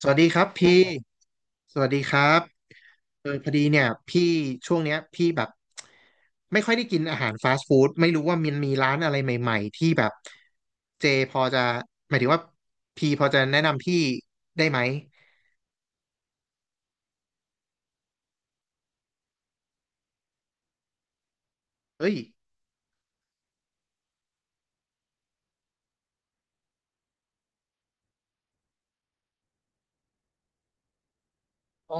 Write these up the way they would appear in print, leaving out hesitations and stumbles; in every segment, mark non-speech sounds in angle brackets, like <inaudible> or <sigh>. สวัสดีครับพี่สวัสดีครับพอดีเนี่ยพี่ช่วงเนี้ยพี่แบบไม่ค่อยได้กินอาหารฟาสต์ฟู้ดไม่รู้ว่ามันมีร้านอะไรใหม่ๆที่แบบเจพอจะหมายถึงว่าพี่พอจะแนะนำพี่ได้ไหมเอ้ยอ๋อ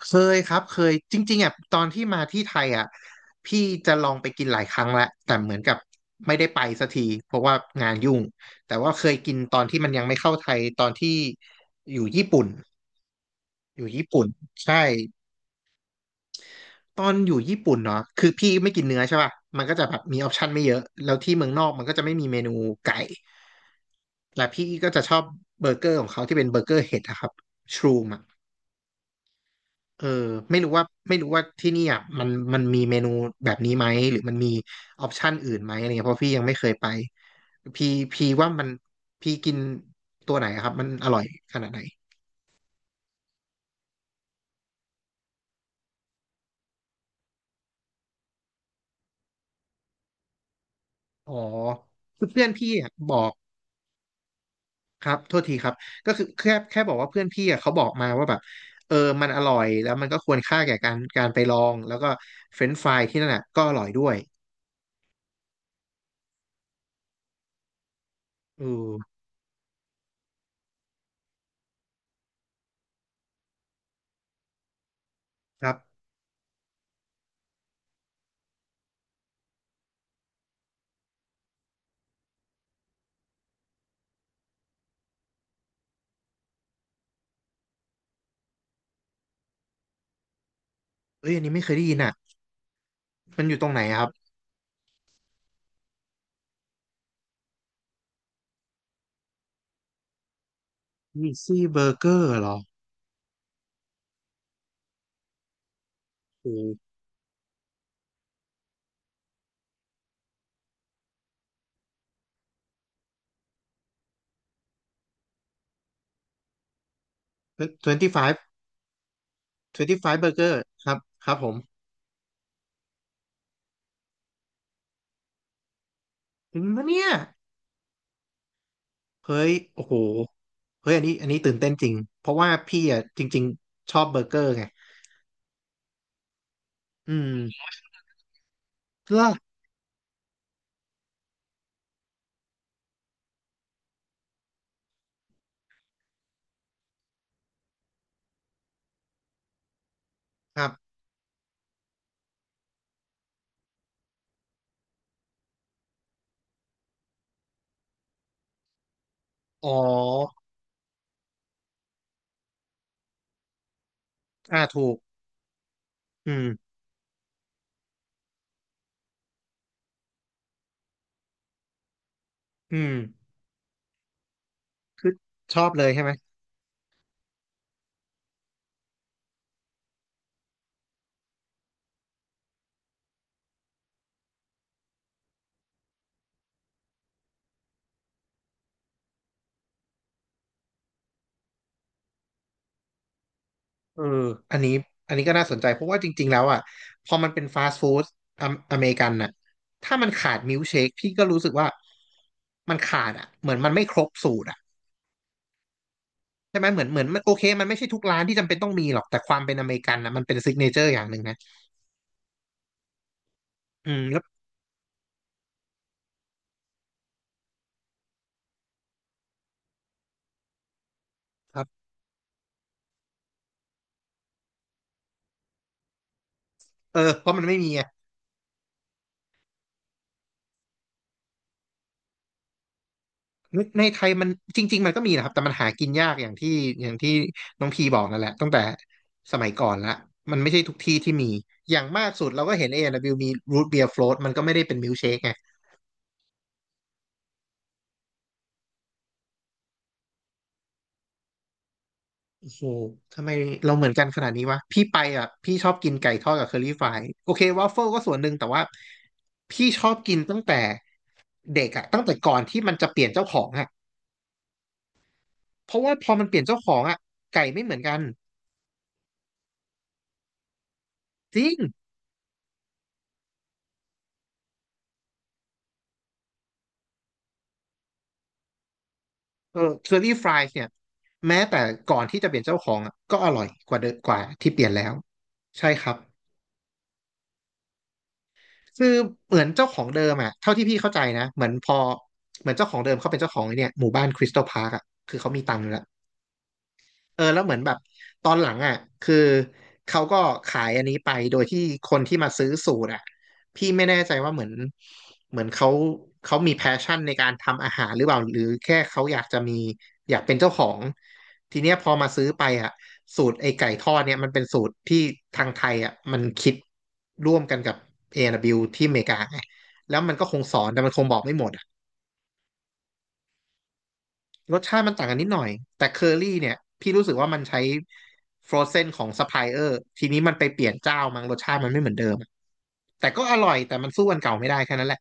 เคยครับเคยจริงๆอ่ะตอนที่มาที่ไทยอ่ะพี่จะลองไปกินหลายครั้งแล้วแต่เหมือนกับไม่ได้ไปสักทีเพราะว่างานยุ่งแต่ว่าเคยกินตอนที่มันยังไม่เข้าไทยตอนที่อยู่ญี่ปุ่นอยู่ญี่ปุ่นใช่ตอนอยู่ญี่ปุ่นเนาะคือพี่ไม่กินเนื้อใช่ป่ะมันก็จะแบบมีออปชันไม่เยอะแล้วที่เมืองนอกมันก็จะไม่มีเมนูไก่และพี่ก็จะชอบเบอร์เกอร์ของเขาที่เป็นเบอร์เกอร์เห็ดอะครับชรูมอะ เออไม่รู้ว่าที่นี่อ่ะมันมีเมนูแบบนี้ไหมหรือมันมีออปชันอื่นไหมอะไรเงี้ยเพราะพี่ยังไม่เคยไปพี่พี่ว่ามันพี่กินตัวไหนอะครับมันอร่อยขนาดไหนอ๋อคือเพื่อนพี่อะบอกครับโทษทีครับก็คือแค่บอกว่าเพื่อนพี่อะเขาบอกมาว่าแบบเออมันอร่อยแล้วมันก็ควรค่าแก่การไปลองแล้วก็เฟรนช์ฟรายที่นั่นอ่ะก็อร่อยด้วยเออครับเอ้ยอันนี้ไม่เคยได้ยินอ่ะมันอยู่ตรงไหนอะครับ Easy Burger เหรอโอ้ 25 25์เกอร์ครับครับผมถึงแล้วเนี่ยเฮ้ยโอ้โหเฮ้ยอันนี้ตื่นเต้นจริงเพราะว่าพี่อ่ะจริงๆชอบเบอร์เกอร์ไงอืมเลกครับอ๋ออ่าถูกอืมอืมคือชอบเลยใช่ไหมเอออันนี้อันนี้ก็น่าสนใจเพราะว่าจริงๆแล้วอ่ะพอมันเป็นฟาสต์ฟู้ดอเมริกันน่ะถ้ามันขาดมิลค์เชคพี่ก็รู้สึกว่ามันขาดอ่ะเหมือนมันไม่ครบสูตรอ่ะ ใช่ไหมเหมือนมันโอเคมันไม่ใช่ทุกร้านที่จำเป็นต้องมีหรอกแต่ความเป็นอเมริกันนะมันเป็นซิกเนเจอร์อย่างหนึ่งนะอืมแล้วครับเออเพราะมันไม่มีอะในไทยมันจริงๆมันก็มีนะครับแต่มันหากินยากอย่างที่อย่างที่น้องพีบอกนั่นแหละตั้งแต่สมัยก่อนละมันไม่ใช่ทุกที่ที่มีอย่างมากสุดเราก็เห็น A&W มีรูทเบียร์โฟล t มันก็ไม่ได้เป็นมิลค์เชคไง โอ้โหทำไมเราเหมือนกันขนาดนี้วะพี่ไปอ่ะพี่ชอบกินไก่ทอดกับเคอรี่ฟรายโอเควาฟเฟิลก็ส่วนหนึ่งแต่ว่าพี่ชอบกินตั้งแต่เด็กอ่ะตั้งแต่ก่อนที่มันจะเปลี่ยนเจ้าของอ่ะเพราะว่าพอมันเปลี่ยนเจ้าของอ่ะไก่ไม่เหมือนกันจริงเออเคอรี่ฟรายเนี่ยแม้แต่ก่อนที่จะเปลี่ยนเจ้าของอ่ะก็อร่อยกว่าเดิมกว่าที่เปลี่ยนแล้วใช่ครับคือเหมือนเจ้าของเดิมอ่ะเท่าที่พี่เข้าใจนะเหมือนพอเหมือนเจ้าของเดิมเขาเป็นเจ้าของไอ้เนี่ยหมู่บ้านคริสตัลพาร์คอ่ะคือเขามีตังค์แล้ว เออแล้วเหมือนแบบตอนหลังอ่ะคือเขาก็ขายอันนี้ไปโดยที่คนที่มาซื้อสูตรอ่ะพี่ไม่แน่ใจว่าเหมือนเขาเขามีแพชชั่นในการทำอาหารหรือเปล่าหรือแค่เขาอยากจะมีอยากเป็นเจ้าของทีเนี้ยพอมาซื้อไปอ่ะสูตรไอ้ไก่ทอดเนี่ยมันเป็นสูตรที่ทางไทยอ่ะมันคิดร่วมกันกับ A&W ที่อเมริกาไงแล้วมันก็คงสอนแต่มันคงบอกไม่หมด รสชาติมันต่างกันนิดหน่อยแต่เคอรี่เนี่ยพี่รู้สึกว่ามันใช้ฟรอเซนของซัพพลายเออร์ทีนี้มันไปเปลี่ยนเจ้ามั้งรสชาติมันไม่เหมือนเดิมแต่ก็อร่อยแต่มันสู้อันเก่าไม่ได้แค่นั้นแหละ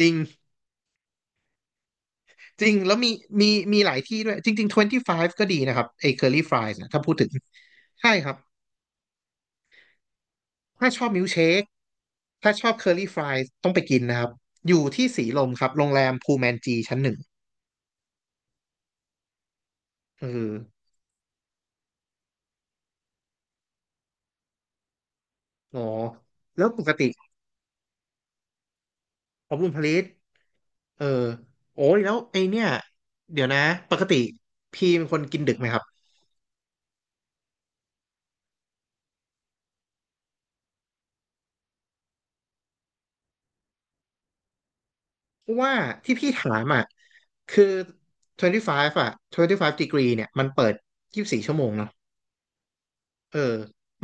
จริงจริงแล้วมีมีมีหลายที่ด้วยจริงๆ25ก็ดีนะครับไอ้เคอรี่ฟรายส์นะถ้าพูดถึงใช่ครับถ้าชอบมิลค์เชคถ้าชอบเคอรี่ฟรายส์ต้องไปกินนะครับอยู่ที่สีลมครับโรงแรมพูแมนจีชั้นหนึ่งเอออ๋อแล้วปกติขอบคุณพลิต เออโอ้ยแล้วไอเนี่ยเดี๋ยวนะปกติพี่เป็นคนกินดึกไหมครับว่าที่พี่ถามอ่ะคือ25อ่ะ25 degree เนี่ยมันเปิด24ชั่วโมงเนาะเออ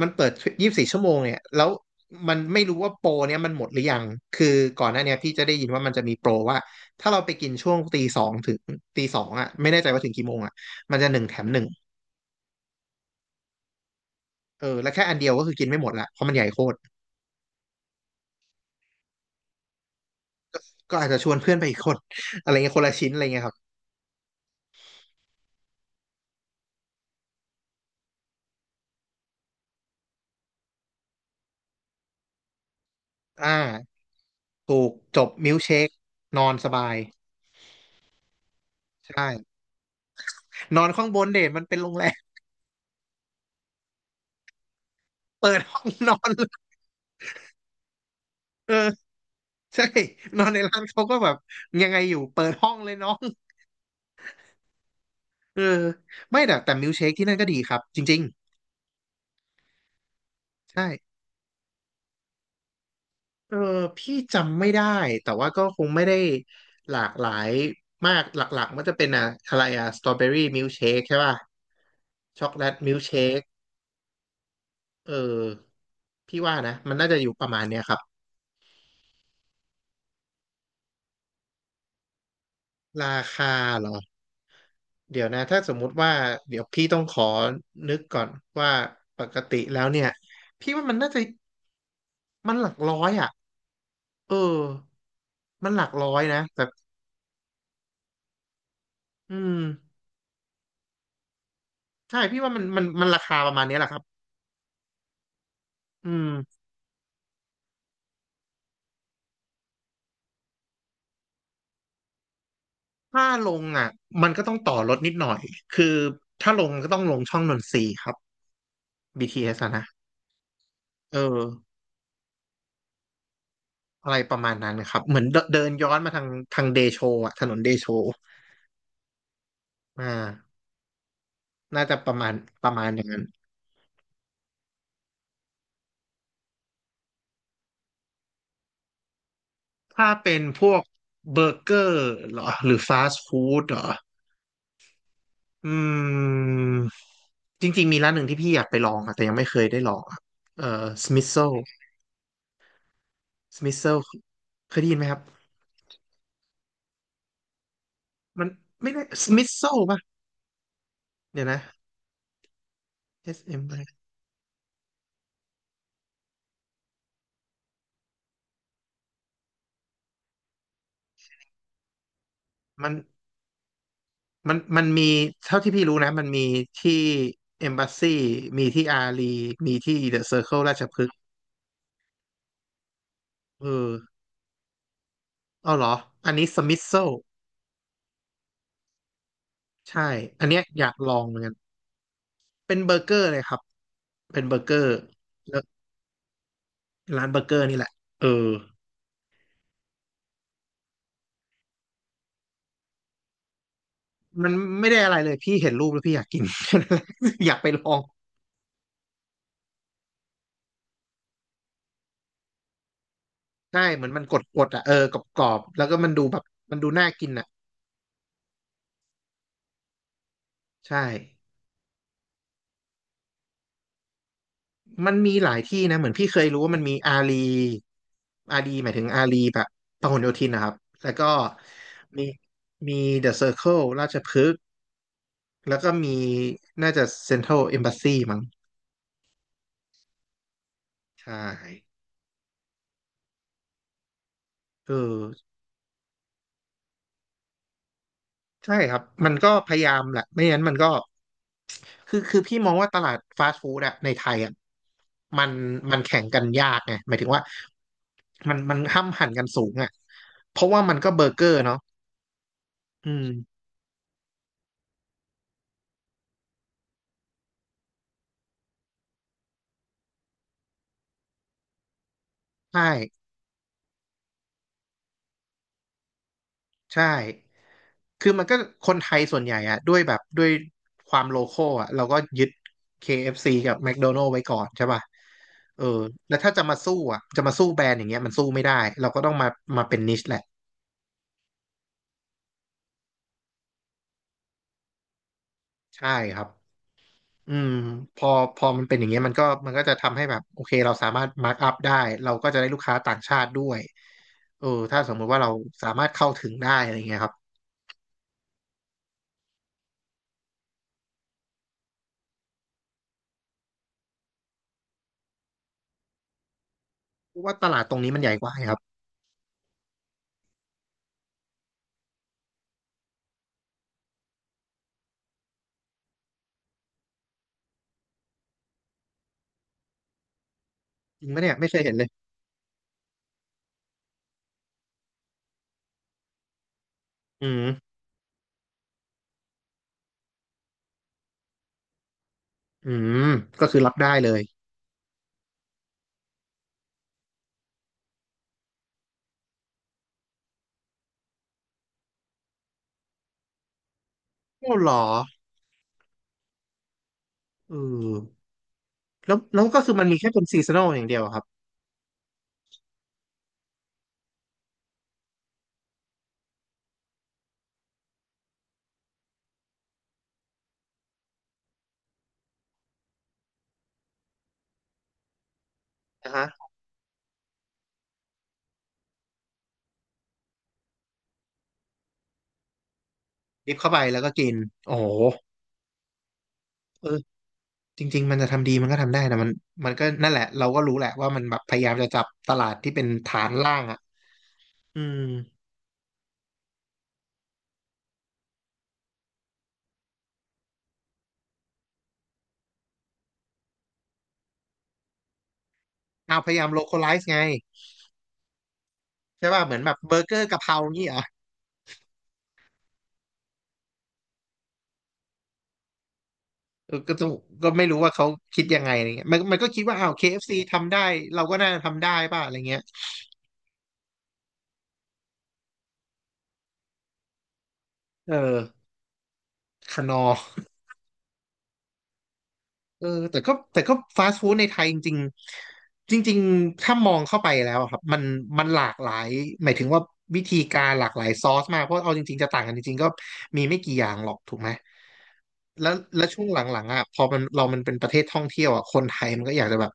มันเปิด24ชั่วโมงเนี่ยแล้วมันไม่รู้ว่าโปรเนี่ยมันหมดหรือยังคือก่อนหน้าเนี่ยพี่จะได้ยินว่ามันจะมีโปรว่าถ้าเราไปกินช่วงตีสองถึงตีสองอ่ะไม่แน่ใจว่าถึงกี่โมงอ่ะมันจะหนึ่งแถมหนึ่งเออแล้วแค่อันเดียวก็คือกินไม่หมดละเพราะมันใหญ่โคตรก็อาจจะชวนเพื่อนไปอีกคนอะไรเงี้ยคนละชิ้นอะไรเงี้ยครับ อ่าถูกจบมิลค์เชคนอนสบายใช่นอนข้างบนเด่นมันเป็นโรงแรม <laughs> เปิดห้องนอน <laughs> เลยเออใช่นอนในร้านเขาก็แบบยังไงอยู่เปิดห้องเลยน้อง <laughs> เออไม่แต่มิลค์เชคที่นั่นก็ดีครับจริงๆใช่เออพี่จำไม่ได้แต่ว่าก็คงไม่ได้หลากหลายมากหลักๆมันจะเป็นอะอะไรอะสตรอเบอรี่มิลค์เชคใช่ป่ะช็อกโกแลตมิลค์เชคเออพี่ว่านะมันน่าจะอยู่ประมาณเนี้ยครับราคาเหรอ เดี๋ยวนะถ้าสมมุติว่าเดี๋ยวพี่ต้องขอนึกก่อนว่าปกติแล้วเนี่ยพี่ว่ามันน่าจะมันหลักร้อยอ่ะเออมันหลักร้อยนะแต่อืมใช่พี่ว่ามันราคาประมาณเนี้ยแหละครับอืมถ้าลงอ่ะมันก็ต้องต่อรถนิดหน่อยคือถ้าลงก็ต้องลงช่องนนทรีย์ครับ BTS อสอะนะเอออะไรประมาณนั้นนะครับเหมือนเดินย้อนมาทางเดโชอ่ะถนนเดโชอ่าน่าจะประมาณประมาณอย่างนั้น ถ้าเป็นพวกเบอร์เกอร์เหรอหรือฟาสต์ฟู้ดเหรอ อืม จริงๆมีร้านหนึ่งที่พี่อยากไปลองอะแต่ยังไม่เคยได้ลองอะเอ่อสมิ t โซสมิ t โซเคยได้ยินไหมครับ มันไม่ได้สมิ t โซป่ะเดี๋ยวนะเอสเอ็มมันมันมีเท่าที่พี่รู้นะมันมีที่เอมบ s สซีมีที่อารีมีที่เดอะเซอร์เคิลราชพฤกษ์เออเอาเหรอ อันนี้สมิ t โซใช่ อันเนี้ยอยากลองเหมือนกัน เป็นเบอร์เกอร์เลยครับ เป็นเบอร์เกอร์แล้วร้านเบอร์เกอร์นี่แหละเออมันไม่ได้อะไรเลยพี่เห็นรูปแล้วพี่อยากกิน <laughs> อยากไปลองใช่เหมือนมันกดๆอ่ะเออกรอบๆแล้วก็มันดูแบบมันดูน่ากินอ่ะใช่มันมีหลายที่นะเหมือนพี่เคยรู้ว่ามันมีอารีอารีหมายถึงอารีแบบพหลโยธินนะครับแล้วก็มีมีเดอะเซอร์เคิลราชพฤกษ์แล้วก็มีน่าจะเซ็นทรัลเอมบาซีมั้งใช่เออใช่ครับมันก็พยายามแหละไม่งั้นมันก็ คือพี่มองว่าตลาดฟาสต์ฟู้ดอะในไทยอะมันมันแข่งกันยากไงหมายถึงว่ามันห้ำหั่นกันสูงอะเพราะว่ามันก็เบอร์เกอร์เนาะอืมใช่ใช่คือมันก็คนไทยส่วนใหญ่อะด้วยแบบด้วยความโลคอลอะเราก็ยึด KFC กับ McDonald's ไว้ก่อนใช่ป่ะเออแล้วถ้าจะมาสู้อะจะมาสู้แบรนด์อย่างเงี้ยมันสู้ไม่ได้เราก็ต้องมาเป็นนิชแหละใช่ครับ อืมพอพอมันเป็นอย่างเงี้ยมันก็จะทำให้แบบโอเคเราสามารถมาร์กอัพได้เราก็จะได้ลูกค้าต่างชาติด้วยเออถ้าสมมุติว่าเราสามารถเข้าถึงได้อะไรเงี้ยครับเพราะว่าตลาดตรงนี้มันใหญ่กว่าไงครับจริงปะเนี่ยไม่เคยเห็นเลยอืมอืมก็คือรับได้เลยโอ้เหรอเออแล้วก็คือมันมีแค่เป็นซีซันอลอย่างเดียวอะครับนะฮะดิบเข้าไปแล้วก็กินโอ้โหเออจริงๆมันจะทำดีมันก็ทำได้นะมันมันก็นั่นแหละเราก็รู้แหละว่ามันแบบพยายามจะจับตลาดที่เป็นฐานล่างอ่ะอืม เอาพยายาม localize ไงใช่ป่ะเหมือนแบบเบอร์เกอร์กะเพรางี้เหรอเออก็ต้องก็ไม่รู้ว่าเขาคิดยังไงอะไรเงี้ยมันก็คิดว่าอ้าว KFC ทำได้เราก็น่าจะทำได้ป่ะอะไรเงี้ยเออคนอ เออแต่ก็ฟาสต์ฟู้ดในไทยจริงๆจริงๆถ้ามองเข้าไปแล้วอะครับมันมันหลากหลายหมายถึงว่าวิธีการหลากหลายซอสมากเพราะเอาจริงๆจะต่างกันจริงๆก็มีไม่กี่อย่างหรอกถูกไหมแล้วช่วงหลังๆอ่ะพอมันเรามันเป็นประเทศท่องเที่ยวอ่ะคนไทยมันก็อยากจะแบบ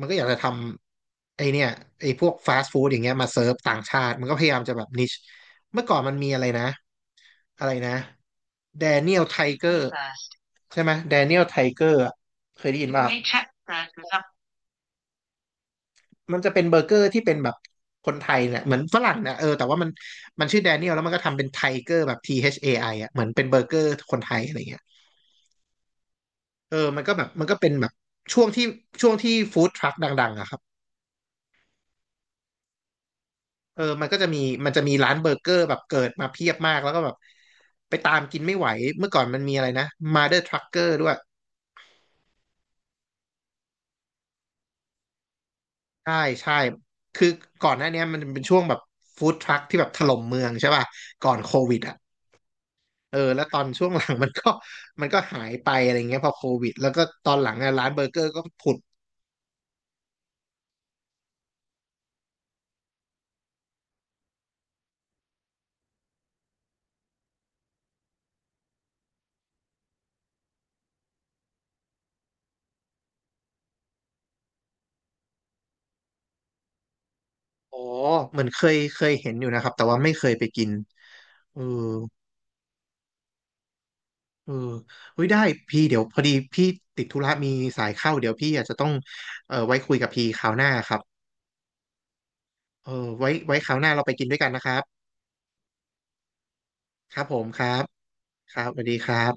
มันก็อยากจะทำไอเนี่ยไอพวกฟาสต์ฟู้ดอย่างเงี้ยมาเซิร์ฟต่างชาติมันก็พยายามจะแบบนิชเมื่อก่อนมันมีอะไรนะอะไรนะแดเนียลไทเกอร์ ใช่ไหมแดเนียลไทเกอร์เคยได้ยินป่ะครับไม่ใช่นะครับมันจะเป็นเบอร์เกอร์ที่เป็นแบบคนไทยเนี่ยเหมือนฝรั่งเนี่ยเออแต่ว่ามันมันชื่อแดเนียลแล้วมันก็ทำเป็นไทเกอร์แบบ T H A I อไออ่ะเหมือนเป็นเบอร์เกอร์คนไทยอะไรเงี้ยเออมันก็แบบมันก็เป็นแบบช่วงที่ช่วงที่ฟู้ดทรัคดังๆอะครับเออมันก็จะมีมันจะมีร้านเบอร์เกอร์แบบเกิดมาเพียบมากแล้วก็แบบไปตามกินไม่ไหวเมื่อก่อนมันมีอะไรนะมาเดอร์ทรัคเกอร์ด้วย ใช่ใช่คือก่อนหน้าเนี้ยมันเป็นช่วงแบบฟู้ดทรัคที่แบบถล่มเมืองใช่ป่ะก่อนโควิดอ่ะเออแล้วตอนช่วงหลัง <laughs> มันก็หายไปอะไรเงี้ยพอโควิดแล้วก็ตอนหลังอะร้านเบอร์เกอร์ก็ผุดอ๋อเหมือนเคยเห็นอยู่นะครับแต่ว่าไม่เคยไปกินเออเออเฮ้ยได้พี่เดี๋ยวพอดีพี่ติดธุระมีสายเข้าเดี๋ยวพี่อาจจะต้องเออไว้คุยกับพี่คราวหน้าครับเออไว้คราวหน้าเราไปกกินด้วยกันนะครับครับผมครับครับสวัสดีครับ